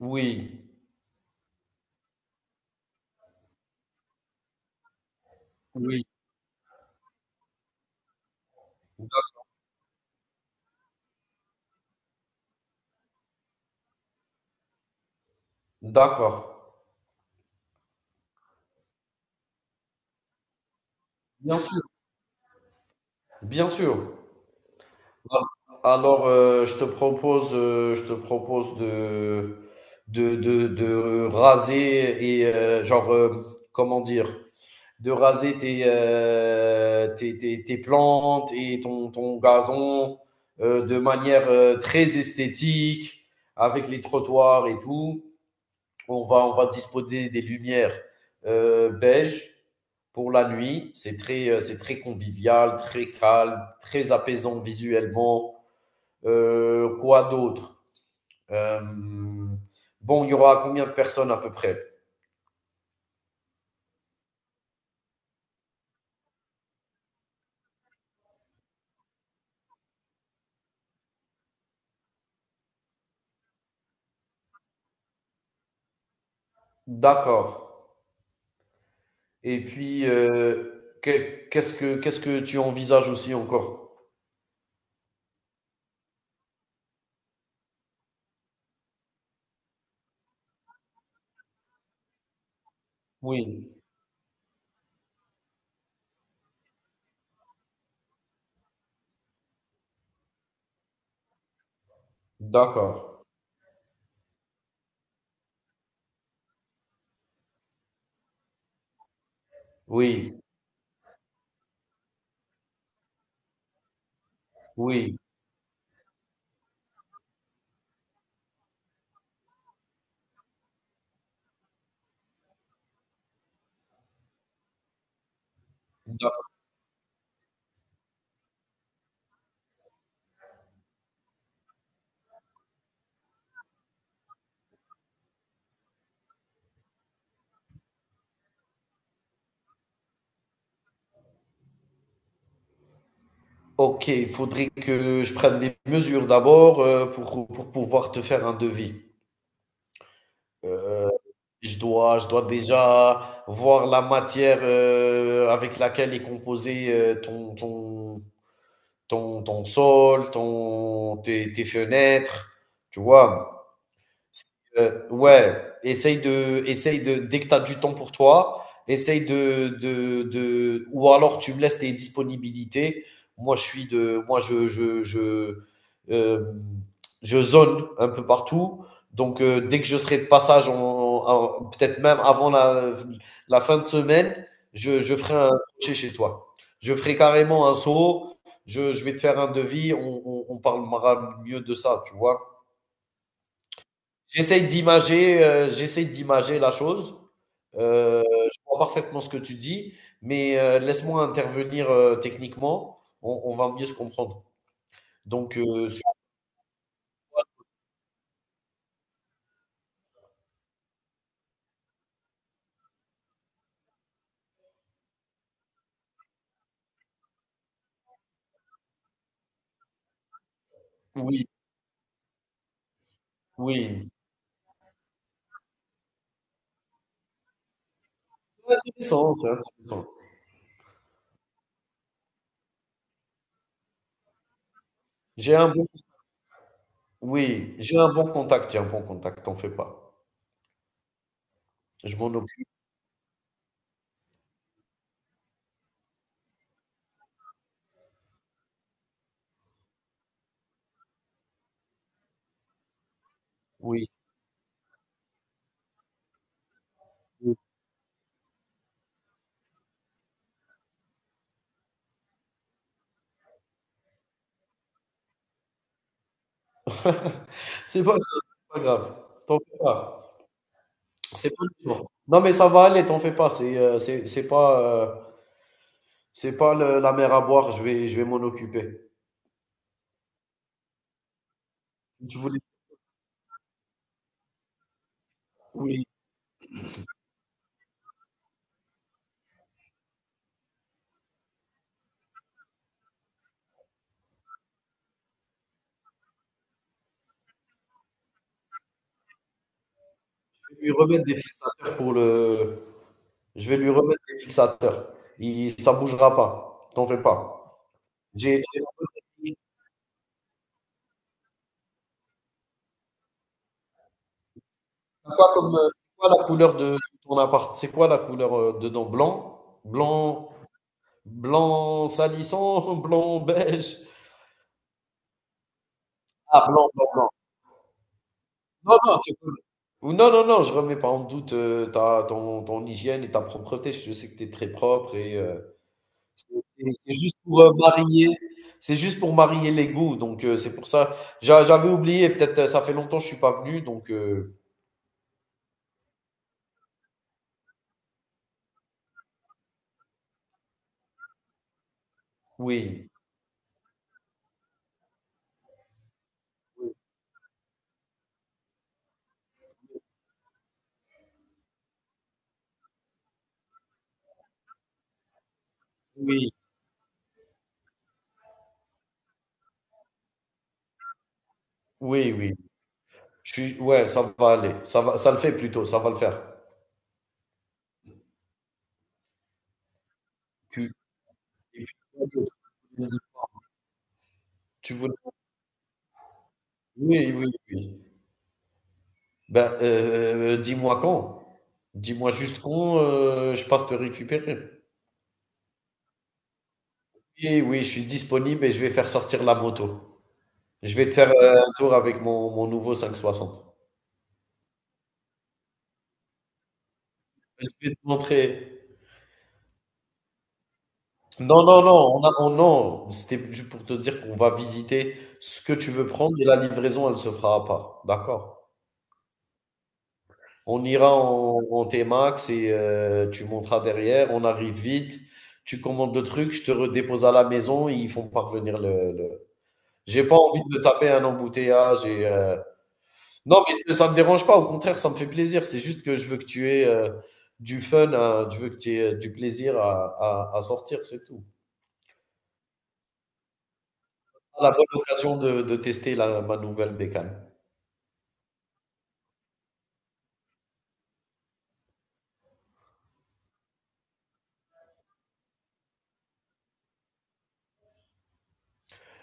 Oui, oui, d'accord. Bien sûr, bien sûr. Alors, je te propose de raser et genre, comment dire, de raser tes, tes plantes et ton gazon de manière très esthétique, avec les trottoirs et tout. On va disposer des lumières beige pour la nuit. C'est très convivial, très calme, très apaisant visuellement. Quoi d'autre? Euh, Bon, il y aura combien de personnes à peu près? D'accord. Et puis, qu'est-ce que tu envisages aussi encore? Oui, d'accord. Oui, oui. D'accord. Ok, il faudrait que je prenne des mesures d'abord, pour pouvoir te faire un devis. Heu, je dois déjà voir la matière, avec laquelle est composé, ton sol, ton tes fenêtres, tu vois? Ouais, essaye de, dès que tu as du temps pour toi, essaye de, ou alors tu me laisses tes disponibilités. Moi, euh, je zone un peu partout. Donc, dès que je serai de passage, peut-être même avant la fin de semaine, je ferai un crochet chez toi. Je ferai carrément un saut. Je vais te faire un devis. On parlera mieux de ça, tu vois. J'essaye d'imager la chose. Heu, je vois parfaitement ce que tu dis, mais laisse-moi intervenir, techniquement, on va mieux se comprendre. Donc, sur. Oui, oui, intéressant, c'est intéressant. J'ai un bon. Oui, j'ai un bon contact, t'en fais pas. Je m'en occupe, oui, oui. C'est pas grave, t'en fais pas. C'est pas urgent. Non, mais ça va aller, t'en fais pas, c'est pas, c'est pas le la mer à boire, je vais m'en occuper. Tu voulais? Oui, je vais lui remettre des fixateurs pour le. Je vais lui remettre des fixateurs. Ça bougera pas. T'en fais pas. J'ai. j'ai- C'est quoi comme, c'est quoi la couleur de ton appart? C'est quoi la couleur, dedans? Blanc, blanc, blanc salissant, blanc beige. Ah, blanc, blanc, blanc. Non, non, ou non, non, non, je remets pas en doute, ton hygiène et ta propreté. Je sais que tu es très propre. C'est c'est juste pour, marier les goûts, donc c'est pour ça. J'avais oublié, peut-être, ça fait longtemps que je suis pas venu, donc. Oui, oui, oui, oui. Je suis Ouais, ça va aller, ça le fait plutôt, ça va le faire. Tu Et puis quoi d'autre? Tu voulais? Oui, oui, oui. Ben, dis-moi quand. Dis-moi juste quand, je passe te récupérer. Oui, oui, je suis disponible et je vais faire sortir la moto. Je vais te faire, un tour avec mon nouveau 560. Je vais te montrer. Non, non, non, non. C'était juste pour te dire qu'on va visiter ce que tu veux prendre et la livraison, elle se fera à part. D'accord? On ira en T-Max et, tu monteras derrière. On arrive vite. Tu commandes le truc, je te redépose à la maison et ils font parvenir. J'ai pas envie de me taper un embouteillage. Non, mais tu ça me dérange pas, au contraire ça me fait plaisir, c'est juste que je veux que tu aies, je veux que tu aies, du plaisir à sortir, c'est tout. Ah, la bonne occasion de tester la ma nouvelle bécane.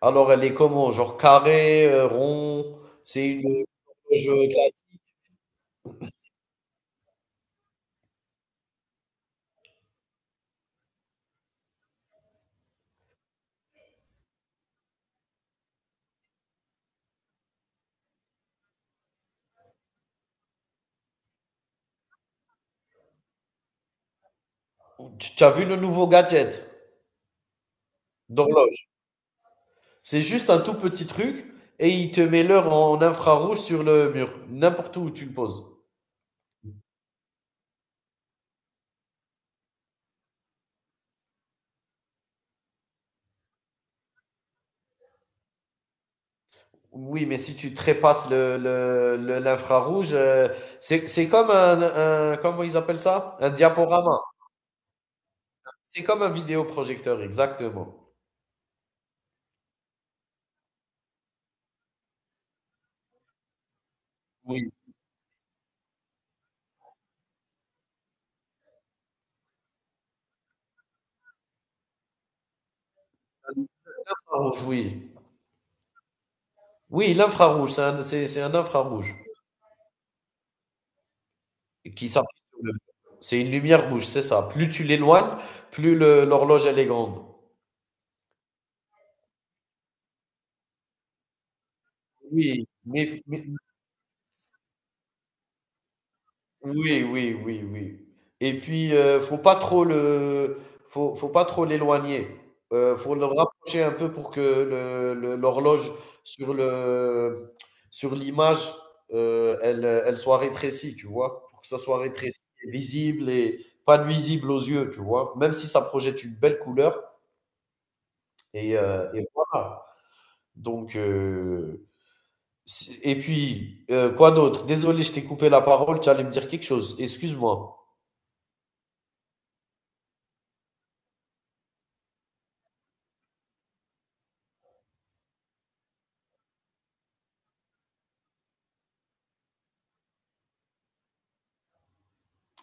Alors, elle est comment? Genre carré, rond? C'est une, horloge classique? Tu as vu le nouveau gadget d'horloge? C'est juste un tout petit truc et il te met l'heure en infrarouge sur le mur, n'importe où tu le poses. Oui, mais si tu trépasses le l'infrarouge, c'est comme un, comment ils appellent ça? Un diaporama. C'est comme un vidéoprojecteur, exactement. Oui, un infrarouge, oui. Oui, l'infrarouge, c'est un infrarouge qui s'applique sur le c'est une lumière rouge, c'est ça. Plus tu l'éloignes, plus le l'horloge elle est grande. Oui, mais. Oui, oui, oui, oui. Et puis, faut pas trop l'éloigner. Faut le rapprocher un peu pour que le l'horloge sur le sur l'image, elle soit rétrécie, tu vois? Pour que ça soit rétréci et visible et pas nuisible aux yeux, tu vois? Même si ça projette une belle couleur et voilà. Donc si et puis, quoi d'autre? Désolé, je t'ai coupé la parole, tu allais me dire quelque chose? Excuse-moi.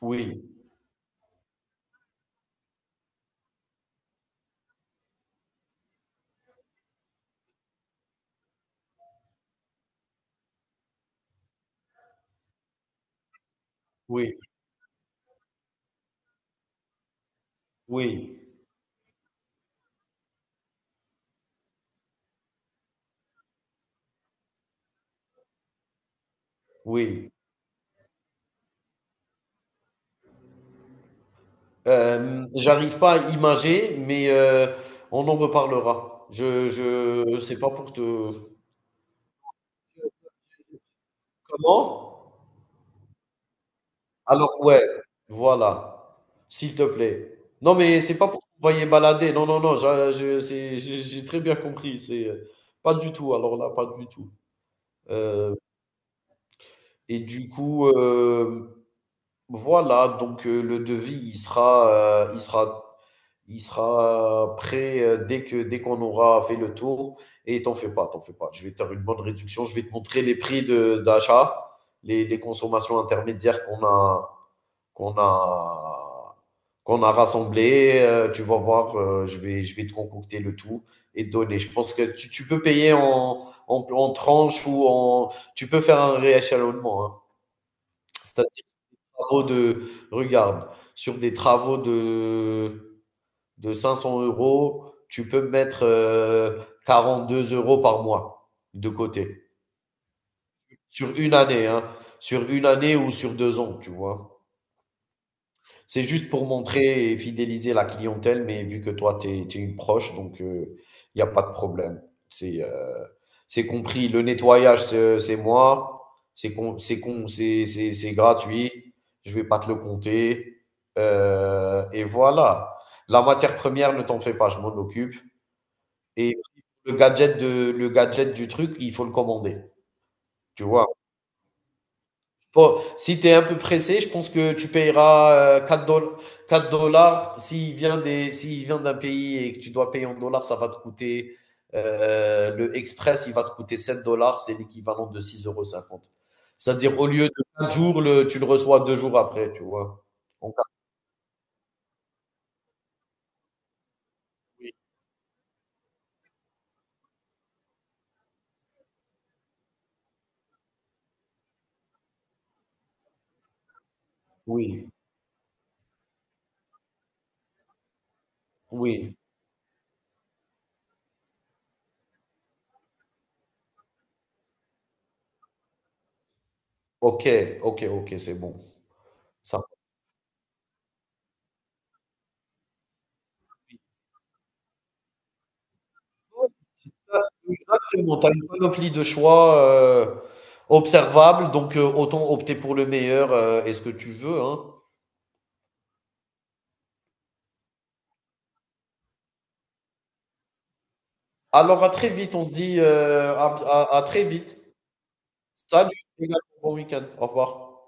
Oui. Oui, oui, oui. J'arrive pas à imager, mais, on en reparlera. Je C'est pas pour te. Comment? Alors, ouais, voilà. S'il te plaît. Non, mais c'est pas pour t'envoyer balader. Non, non, non, j'ai très bien compris. C'est, pas du tout. Alors là, pas du tout. Euh, et du coup, voilà. Donc, le devis, il sera prêt, dès qu'on aura fait le tour. Et t'en fais pas, t'en fais pas. Je vais te faire une bonne réduction. Je vais te montrer les prix d'achat, les consommations intermédiaires qu'on a qu'on a rassemblées. Tu vas voir, je vais te concocter le tout et te donner. Je pense que tu peux payer en tranches ou en tu peux faire un rééchelonnement, hein. C'est-à-dire travaux de regarde sur des travaux de 500 euros, tu peux mettre, 42 € par mois de côté. Sur une année, hein. Sur une année ou sur 2 ans, tu vois. C'est juste pour montrer et fidéliser la clientèle, mais vu que toi, tu es, une proche, donc il n'y a pas de problème. C'est euh, c'est compris. Le nettoyage, c'est moi. C'est con- c'est con- c'est gratuit. Je vais pas te le compter. Et voilà. La matière première, ne t'en fais pas, je m'en occupe. Et le gadget du truc, il faut le commander, tu vois? Bon, si tu es un peu pressé, je pense que tu payeras, 4 $ s'il vient des s'il vient d'un pays et que tu dois payer en dollars, ça va te coûter, le express, il va te coûter 7 dollars, c'est l'équivalent de six euros cinquante. C'est-à-dire au lieu de 4 jours, le tu le reçois 2 jours après, tu vois? En 4. Oui, oui. OK, OK, OK, c'est bon. Ça. Exactement, tu as une panoplie de choix, observables, donc, autant opter pour le meilleur, et ce que tu veux, hein. Alors, à très vite, on se dit, à très vite. Salut, et bon week-end. Au revoir.